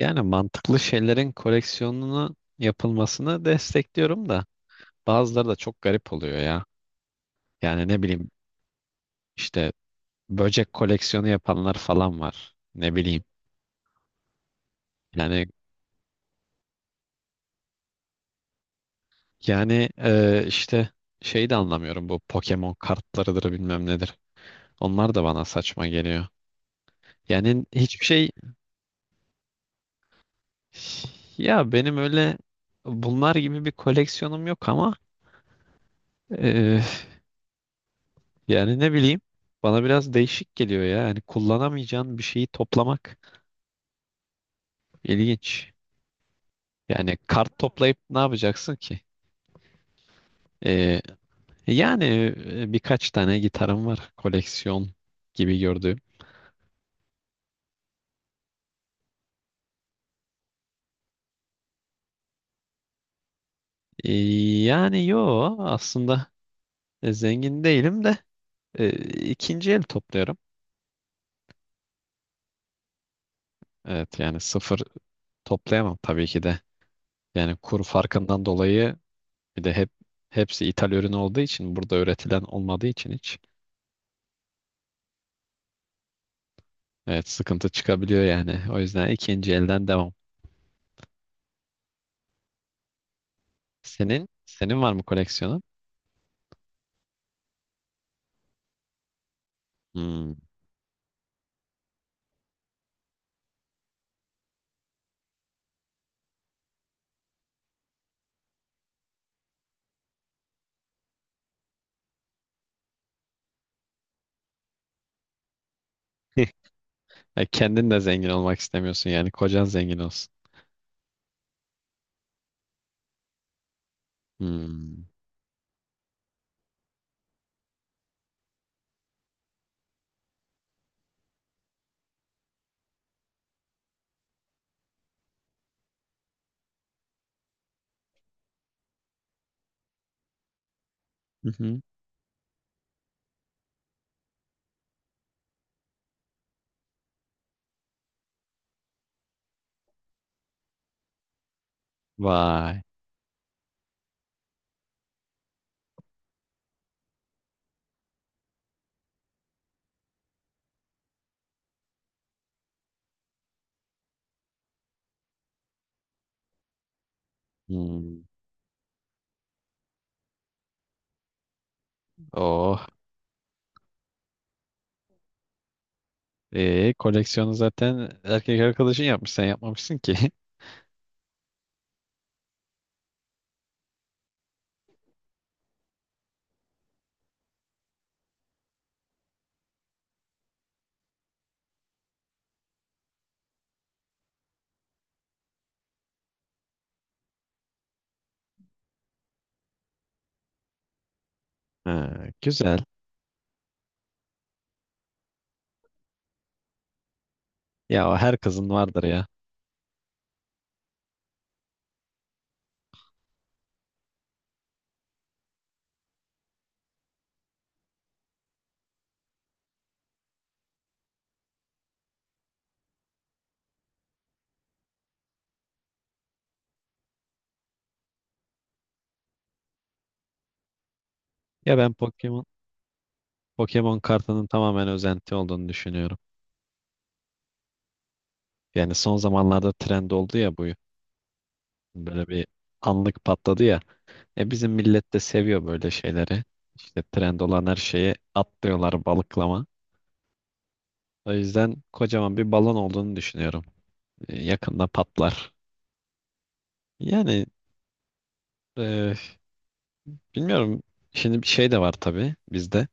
Yani mantıklı şeylerin koleksiyonunu yapılmasını destekliyorum da bazıları da çok garip oluyor ya. Yani ne bileyim işte böcek koleksiyonu yapanlar falan var. Ne bileyim. Yani yani işte şeyi de anlamıyorum, bu Pokemon kartlarıdır bilmem nedir. Onlar da bana saçma geliyor. Yani hiçbir şey. Ya benim öyle bunlar gibi bir koleksiyonum yok ama e, yani ne bileyim bana biraz değişik geliyor ya. Yani kullanamayacağın bir şeyi toplamak ilginç. Yani kart toplayıp ne yapacaksın ki? Ee, yani, birkaç tane gitarım var, koleksiyon gibi gördüğüm. Ee, yani yo, aslında zengin değilim de, e, ikinci el topluyorum. Evet, yani sıfır toplayamam tabii ki de. Yani kur farkından dolayı, bir de hep hepsi ithal ürün olduğu için, burada üretilen olmadığı için hiç. Evet, sıkıntı çıkabiliyor yani. O yüzden ikinci elden devam. Senin? Senin var mı koleksiyonun? Hmm. E, kendin de zengin olmak istemiyorsun yani. Kocan zengin olsun. Hmm. Hı hı. Vay. Hmm. Oh. E, koleksiyonu zaten erkek arkadaşın yapmış. Sen yapmamışsın ki. Ha, güzel. Ya o her kızın vardır ya. Ya ben Pokemon kartının tamamen özenti olduğunu düşünüyorum. Yani son zamanlarda trend oldu ya bu. Böyle bir anlık patladı ya. E bizim millet de seviyor böyle şeyleri. İşte trend olan her şeye atlıyorlar balıklama. O yüzden kocaman bir balon olduğunu düşünüyorum. E, yakında patlar. Yani, e, bilmiyorum. Şimdi bir şey de var tabii bizde.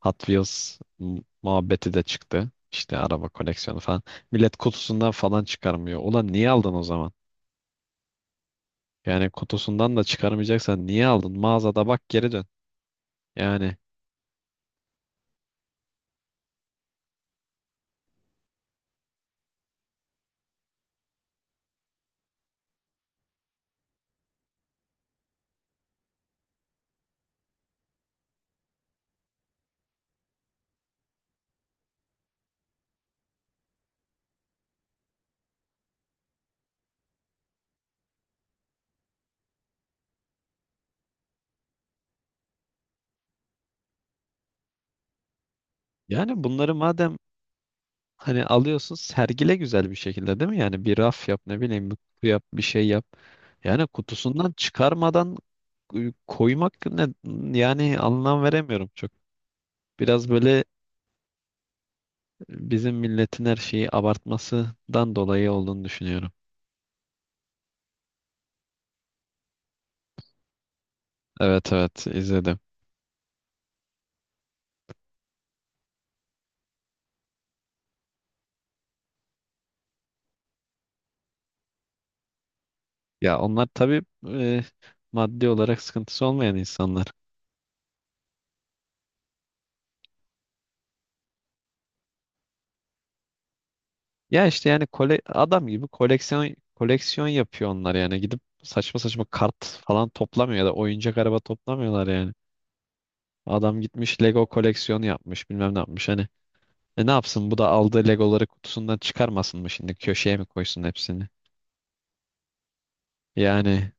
Hot Wheels muhabbeti de çıktı. İşte araba koleksiyonu falan. Millet kutusundan falan çıkarmıyor. Ulan niye aldın o zaman? Yani kutusundan da çıkarmayacaksan niye aldın? Mağazada bak, geri dön. Yani yani bunları madem hani alıyorsun, sergile güzel bir şekilde, değil mi? Yani bir raf yap, ne bileyim bir kutu yap, bir şey yap. Yani kutusundan çıkarmadan koymak ne, yani anlam veremiyorum çok. Biraz böyle bizim milletin her şeyi abartmasından dolayı olduğunu düşünüyorum. Evet, evet izledim. Ya onlar tabii e, maddi olarak sıkıntısı olmayan insanlar. Ya işte yani adam gibi koleksiyon yapıyor onlar, yani gidip saçma saçma kart falan toplamıyor ya da oyuncak araba toplamıyorlar yani. Adam gitmiş Lego koleksiyonu yapmış, bilmem ne yapmış hani. E ne yapsın, bu da aldığı Legoları kutusundan çıkarmasın mı şimdi, köşeye mi koysun hepsini? Yani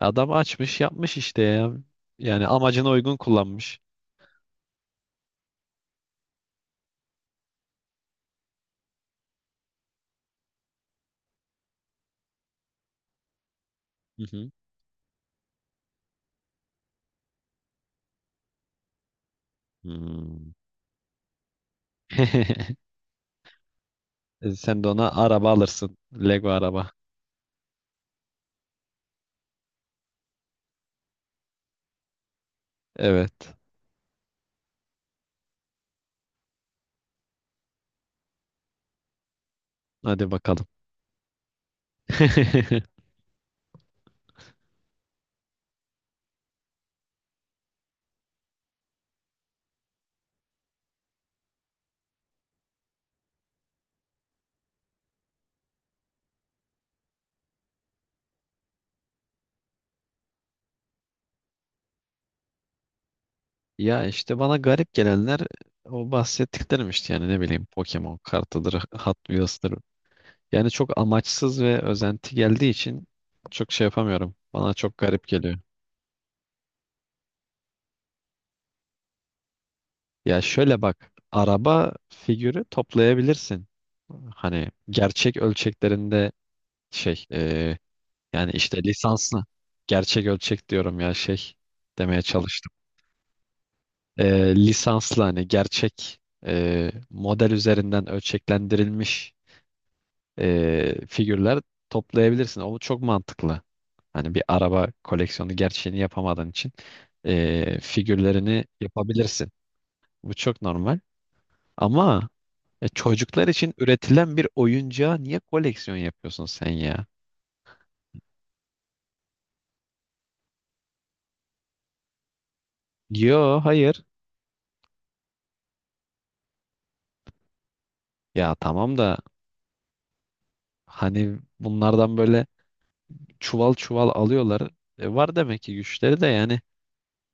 adam açmış yapmış işte ya. Yani amacına uygun kullanmış. Hı hı. Hmm. E sen de ona araba alırsın. Lego araba. Evet. Hadi bakalım. Ya işte bana garip gelenler o bahsettiklerim işte, yani ne bileyim Pokemon kartıdır, Hot Wheels'tır. Yani çok amaçsız ve özenti geldiği için çok şey yapamıyorum. Bana çok garip geliyor. Ya şöyle bak, araba figürü toplayabilirsin. Hani gerçek ölçeklerinde şey, e, yani işte lisansla gerçek ölçek diyorum ya, demeye çalıştım. E, lisansla hani gerçek model üzerinden ölçeklendirilmiş figürler toplayabilirsin. O çok mantıklı. Hani bir araba koleksiyonu gerçeğini yapamadığın için figürlerini yapabilirsin. Bu çok normal. Ama çocuklar için üretilen bir oyuncağa niye koleksiyon yapıyorsun sen ya? Yo, hayır. Ya tamam da hani bunlardan böyle çuval çuval alıyorlar. E, var demek ki güçleri de, yani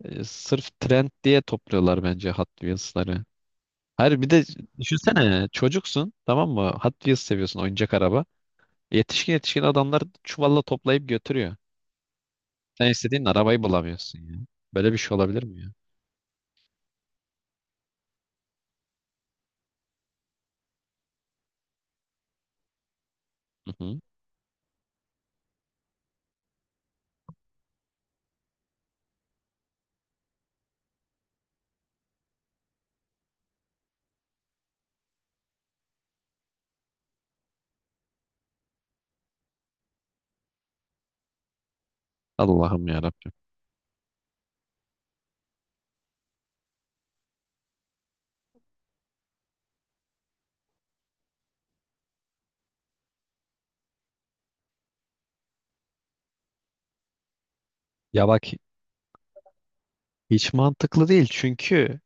sırf trend diye topluyorlar bence Hot Wheels'ları. Hayır bir de düşünsene, çocuksun tamam mı? Hot Wheels seviyorsun, oyuncak araba. Yetişkin yetişkin adamlar çuvalla toplayıp götürüyor. Sen istediğin arabayı bulamıyorsun ya. Böyle bir şey olabilir mi ya? Hı hı. Allah'ım ya Rabbim. Ya bak, hiç mantıklı değil çünkü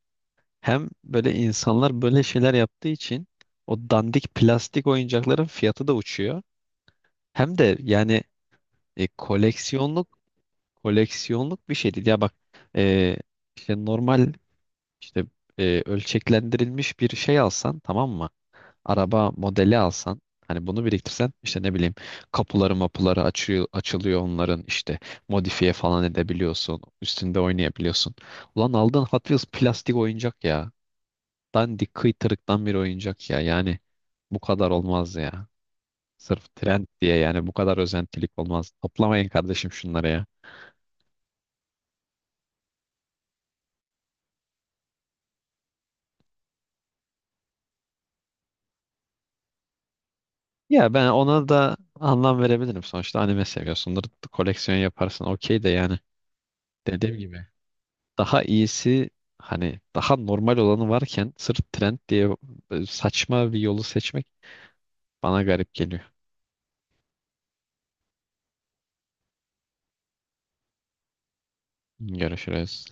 hem böyle insanlar böyle şeyler yaptığı için o dandik plastik oyuncakların fiyatı da uçuyor. Hem de yani e, koleksiyonluk koleksiyonluk bir şey değil. Ya bak, e, işte normal, İşte ölçeklendirilmiş bir şey alsan tamam mı? Araba modeli alsan, hani bunu biriktirsen, işte ne bileyim kapıları mapuları açıyor, açılıyor onların, işte modifiye falan edebiliyorsun. Üstünde oynayabiliyorsun. Ulan aldığın Hot Wheels plastik oyuncak ya. Dandik kıytırıktan bir oyuncak ya. Yani bu kadar olmaz ya. Sırf trend diye yani bu kadar özentilik olmaz. Toplamayın kardeşim şunları ya. Ya ben ona da anlam verebilirim. Sonuçta anime seviyorsundur. Koleksiyon yaparsın okey de yani. Dediğim gibi, daha iyisi hani daha normal olanı varken sırf trend diye saçma bir yolu seçmek bana garip geliyor. Görüşürüz.